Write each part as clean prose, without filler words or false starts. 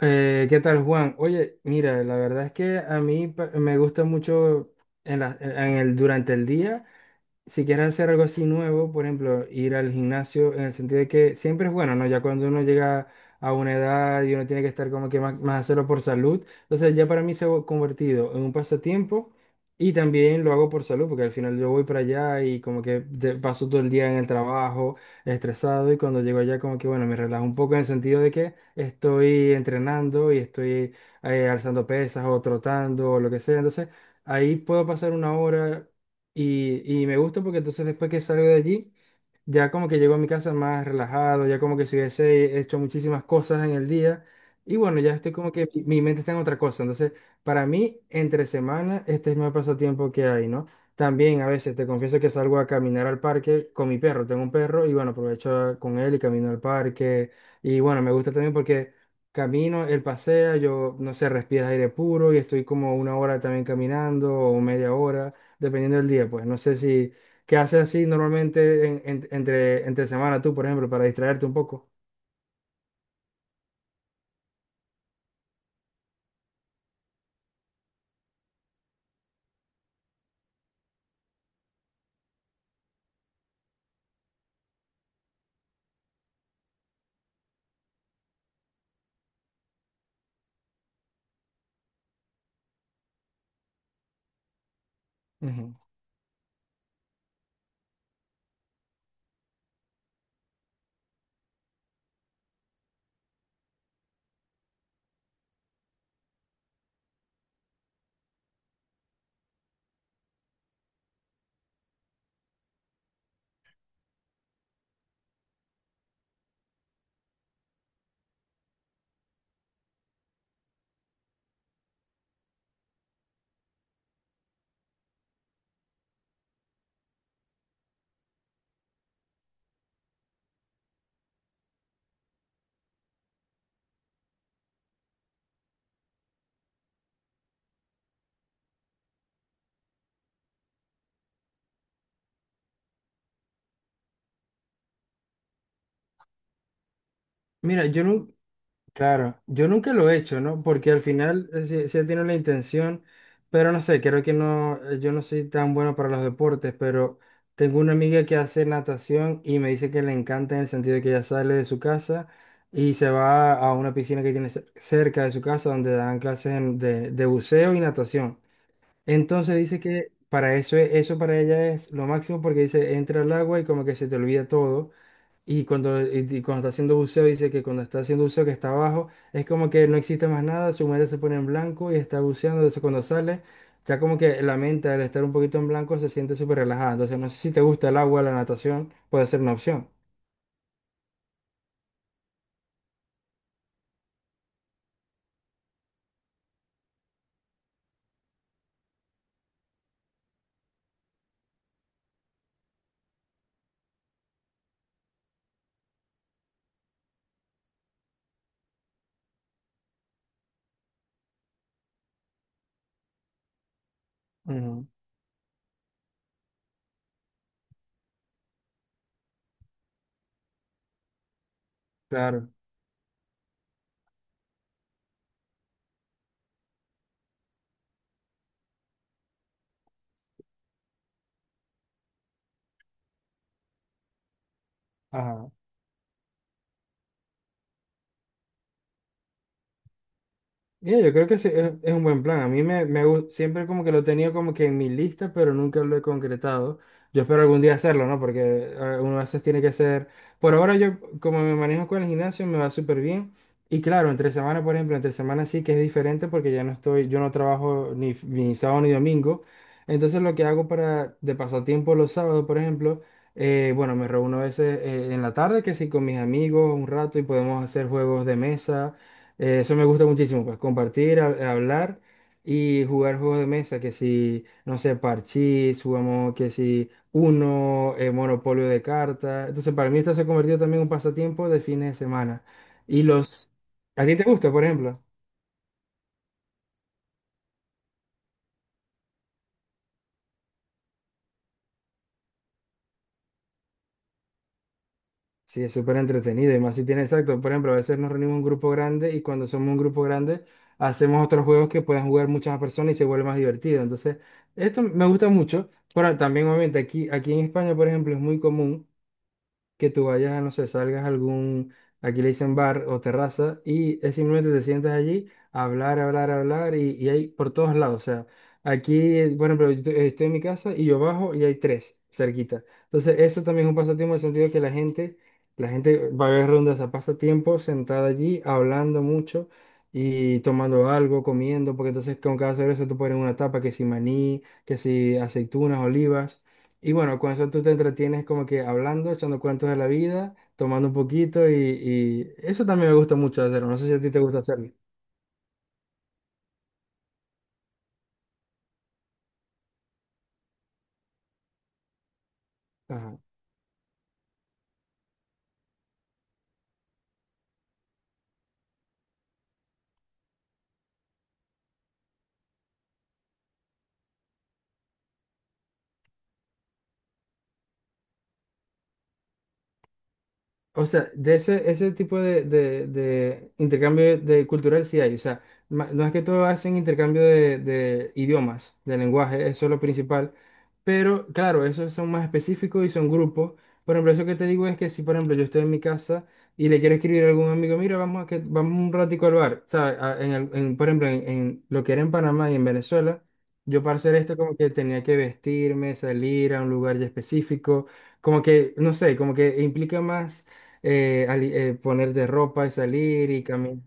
¿Qué tal, Juan? Oye, mira, la verdad es que a mí me gusta mucho en la- en el, durante el día, si quieres hacer algo así nuevo, por ejemplo, ir al gimnasio, en el sentido de que siempre es bueno, ¿no? Ya cuando uno llega a una edad y uno tiene que estar como que más hacerlo por salud, entonces ya para mí se ha convertido en un pasatiempo y también lo hago por salud, porque al final yo voy para allá y como que paso todo el día en el trabajo, estresado, y cuando llego allá, como que, bueno, me relajo un poco en el sentido de que estoy entrenando y estoy alzando pesas o trotando o lo que sea. Entonces ahí puedo pasar una hora. Y me gusta porque entonces después que salgo de allí, ya como que llego a mi casa más relajado, ya como que si hubiese hecho muchísimas cosas en el día. Y bueno, ya estoy como que mi mente está en otra cosa. Entonces, para mí, entre semana, este es mi pasatiempo que hay, ¿no? También a veces te confieso que salgo a caminar al parque con mi perro. Tengo un perro y bueno, aprovecho con él y camino al parque. Y bueno, me gusta también porque camino, él pasea, yo, no sé, respira aire puro y estoy como una hora también caminando, o media hora, dependiendo del día. Pues no sé si... ¿Qué haces así normalmente entre semana tú, por ejemplo, para distraerte un poco? Ujú. Mira, yo nunca, claro, yo nunca lo he hecho, ¿no? Porque al final sí, sí tiene la intención, pero no sé, creo que no, yo no soy tan bueno para los deportes, pero tengo una amiga que hace natación y me dice que le encanta en el sentido de que ella sale de su casa y se va a una piscina que tiene cerca de su casa, donde dan clases de buceo y natación. Entonces dice que para eso, eso para ella es lo máximo, porque dice, entra al agua y como que se te olvida todo. Y cuando está haciendo buceo, dice que cuando está haciendo buceo, que está abajo, es como que no existe más nada, su mente se pone en blanco y está buceando. Entonces cuando sale, ya como que la mente, al estar un poquito en blanco, se siente súper relajada. Entonces no sé si te gusta el agua, la natación, puede ser una opción. Ujú. Claro. Ajá. Ya, yo creo que sí, es un buen plan. A mí siempre como que lo tenía como que en mi lista, pero nunca lo he concretado. Yo espero algún día hacerlo, ¿no? Porque uno a veces tiene que hacer... Por ahora yo, como me manejo con el gimnasio, me va súper bien. Y claro, entre semana, por ejemplo, entre semana sí que es diferente porque ya no estoy, yo no trabajo ni, ni sábado ni domingo. Entonces lo que hago para de pasatiempo los sábados, por ejemplo, bueno, me reúno a veces en la tarde, que sí, con mis amigos un rato y podemos hacer juegos de mesa. Eso me gusta muchísimo, pues compartir, hablar y jugar juegos de mesa, que si, no sé, parchís, jugamos que si uno, monopolio de cartas. Entonces, para mí esto se ha convertido también en un pasatiempo de fines de semana. Y los... ¿A ti te gusta, por ejemplo? Sí, es súper entretenido y más si tiene, exacto. Por ejemplo, a veces nos reunimos un grupo grande y cuando somos un grupo grande hacemos otros juegos que pueden jugar muchas más personas y se vuelve más divertido. Entonces, esto me gusta mucho. Pero también, obviamente, aquí, en España, por ejemplo, es muy común que tú vayas, no sé, salgas a algún, aquí le dicen bar o terraza, y es simplemente te sientas allí a hablar, hablar, hablar, y hay por todos lados. O sea, aquí, por ejemplo, yo estoy en mi casa y yo bajo y hay tres cerquita. Entonces, eso también es un pasatiempo en el sentido de que la gente va a ver rondas a pasatiempo sentada allí, hablando mucho. Y tomando algo, comiendo, porque entonces con cada cerveza tú pones una tapa, que si maní, que si aceitunas, olivas. Y bueno, con eso tú te entretienes como que hablando, echando cuentos de la vida, tomando un poquito, y eso también me gusta mucho hacerlo. No sé si a ti te gusta hacerlo. Ajá. O sea, de ese tipo de intercambio de cultural sí hay. O sea, no es que todos hacen intercambio de idiomas, de lenguaje, eso es lo principal. Pero claro, esos son más específicos y son grupos. Por ejemplo, eso que te digo es que si, por ejemplo, yo estoy en mi casa y le quiero escribir a algún amigo, mira, vamos, a que vamos un ratico al bar. ¿Sabes? Por ejemplo, en lo que era en Panamá y en Venezuela, yo para hacer esto como que tenía que vestirme, salir a un lugar ya específico, como que, no sé, como que implica más poner de ropa y salir y caminar.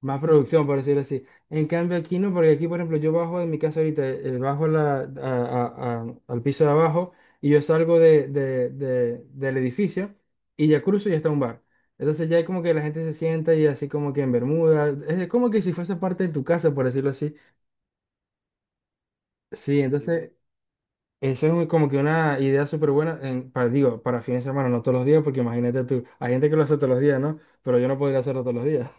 Más producción, por decirlo así. En cambio aquí no, porque aquí, por ejemplo, yo bajo de mi casa ahorita, bajo la, a- al piso de abajo y yo salgo del edificio y ya cruzo y está un bar. Entonces ya es como que la gente se sienta y así como que en bermuda. Es como que si fuese parte de tu casa, por decirlo así. Sí, entonces eso es como que una idea súper buena, para fines de semana, no todos los días, porque imagínate tú, hay gente que lo hace todos los días, ¿no? Pero yo no podría hacerlo todos los días.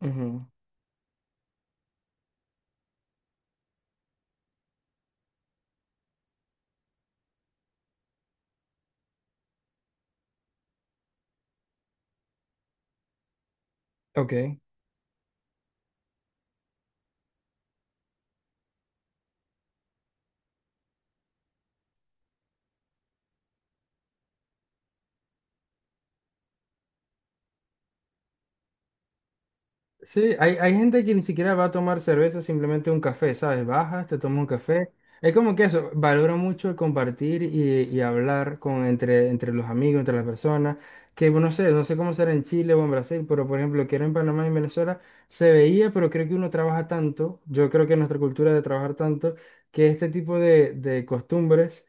Ujú. Ok. Sí, hay gente que ni siquiera va a tomar cerveza, simplemente un café, ¿sabes? Bajas, te tomas un café. Es como que eso, valoro mucho el compartir y hablar entre los amigos, entre las personas, que bueno, no sé cómo será en Chile o en Brasil, pero por ejemplo, que era en Panamá y en Venezuela, se veía, pero creo que uno trabaja tanto, yo creo que nuestra cultura de trabajar tanto, que este tipo de costumbres,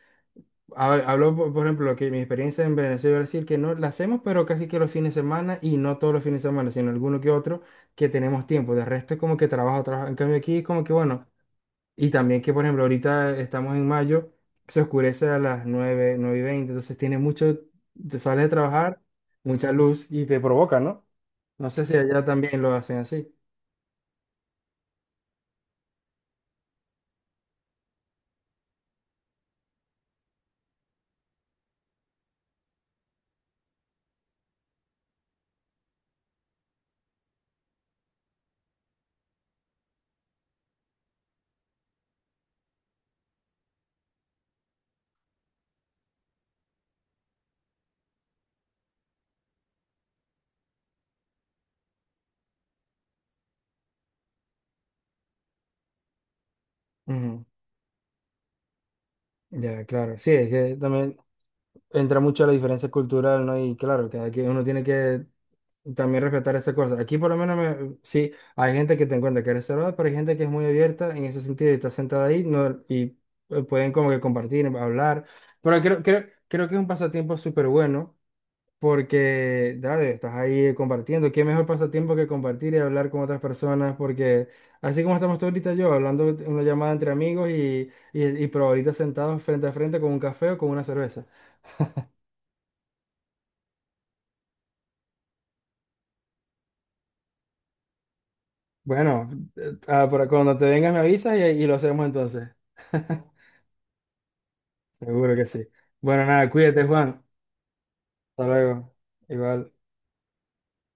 hablo, por ejemplo, que mi experiencia en Venezuela y Brasil, que no la hacemos, pero casi que los fines de semana, y no todos los fines de semana, sino alguno que otro que tenemos tiempo. De resto es como que trabajo, trabajo. En cambio aquí es como que bueno. Y también que, por ejemplo, ahorita estamos en mayo, se oscurece a las nueve y 20, entonces tiene mucho, te sales de trabajar, mucha luz y te provoca, ¿no? No sé si allá también lo hacen así. Ujú. Ya, claro. Sí, es que también entra mucho la diferencia cultural, ¿no? Y claro, que aquí uno tiene que también respetar esas cosas. Aquí por lo menos sí, hay gente que te encuentra que es reservada, pero hay gente que es muy abierta en ese sentido y está sentada ahí, no, y pueden como que compartir, hablar. Pero creo que es un pasatiempo súper bueno porque, dale, estás ahí compartiendo. ¿Qué mejor pasatiempo que compartir y hablar con otras personas? Porque así como estamos tú ahorita, yo hablando en una llamada entre amigos, y pero ahorita sentados frente a frente con un café o con una cerveza. Bueno, cuando te vengas me avisas y lo hacemos entonces. Seguro que sí. Bueno, nada, cuídate, Juan. Hasta luego. Igual.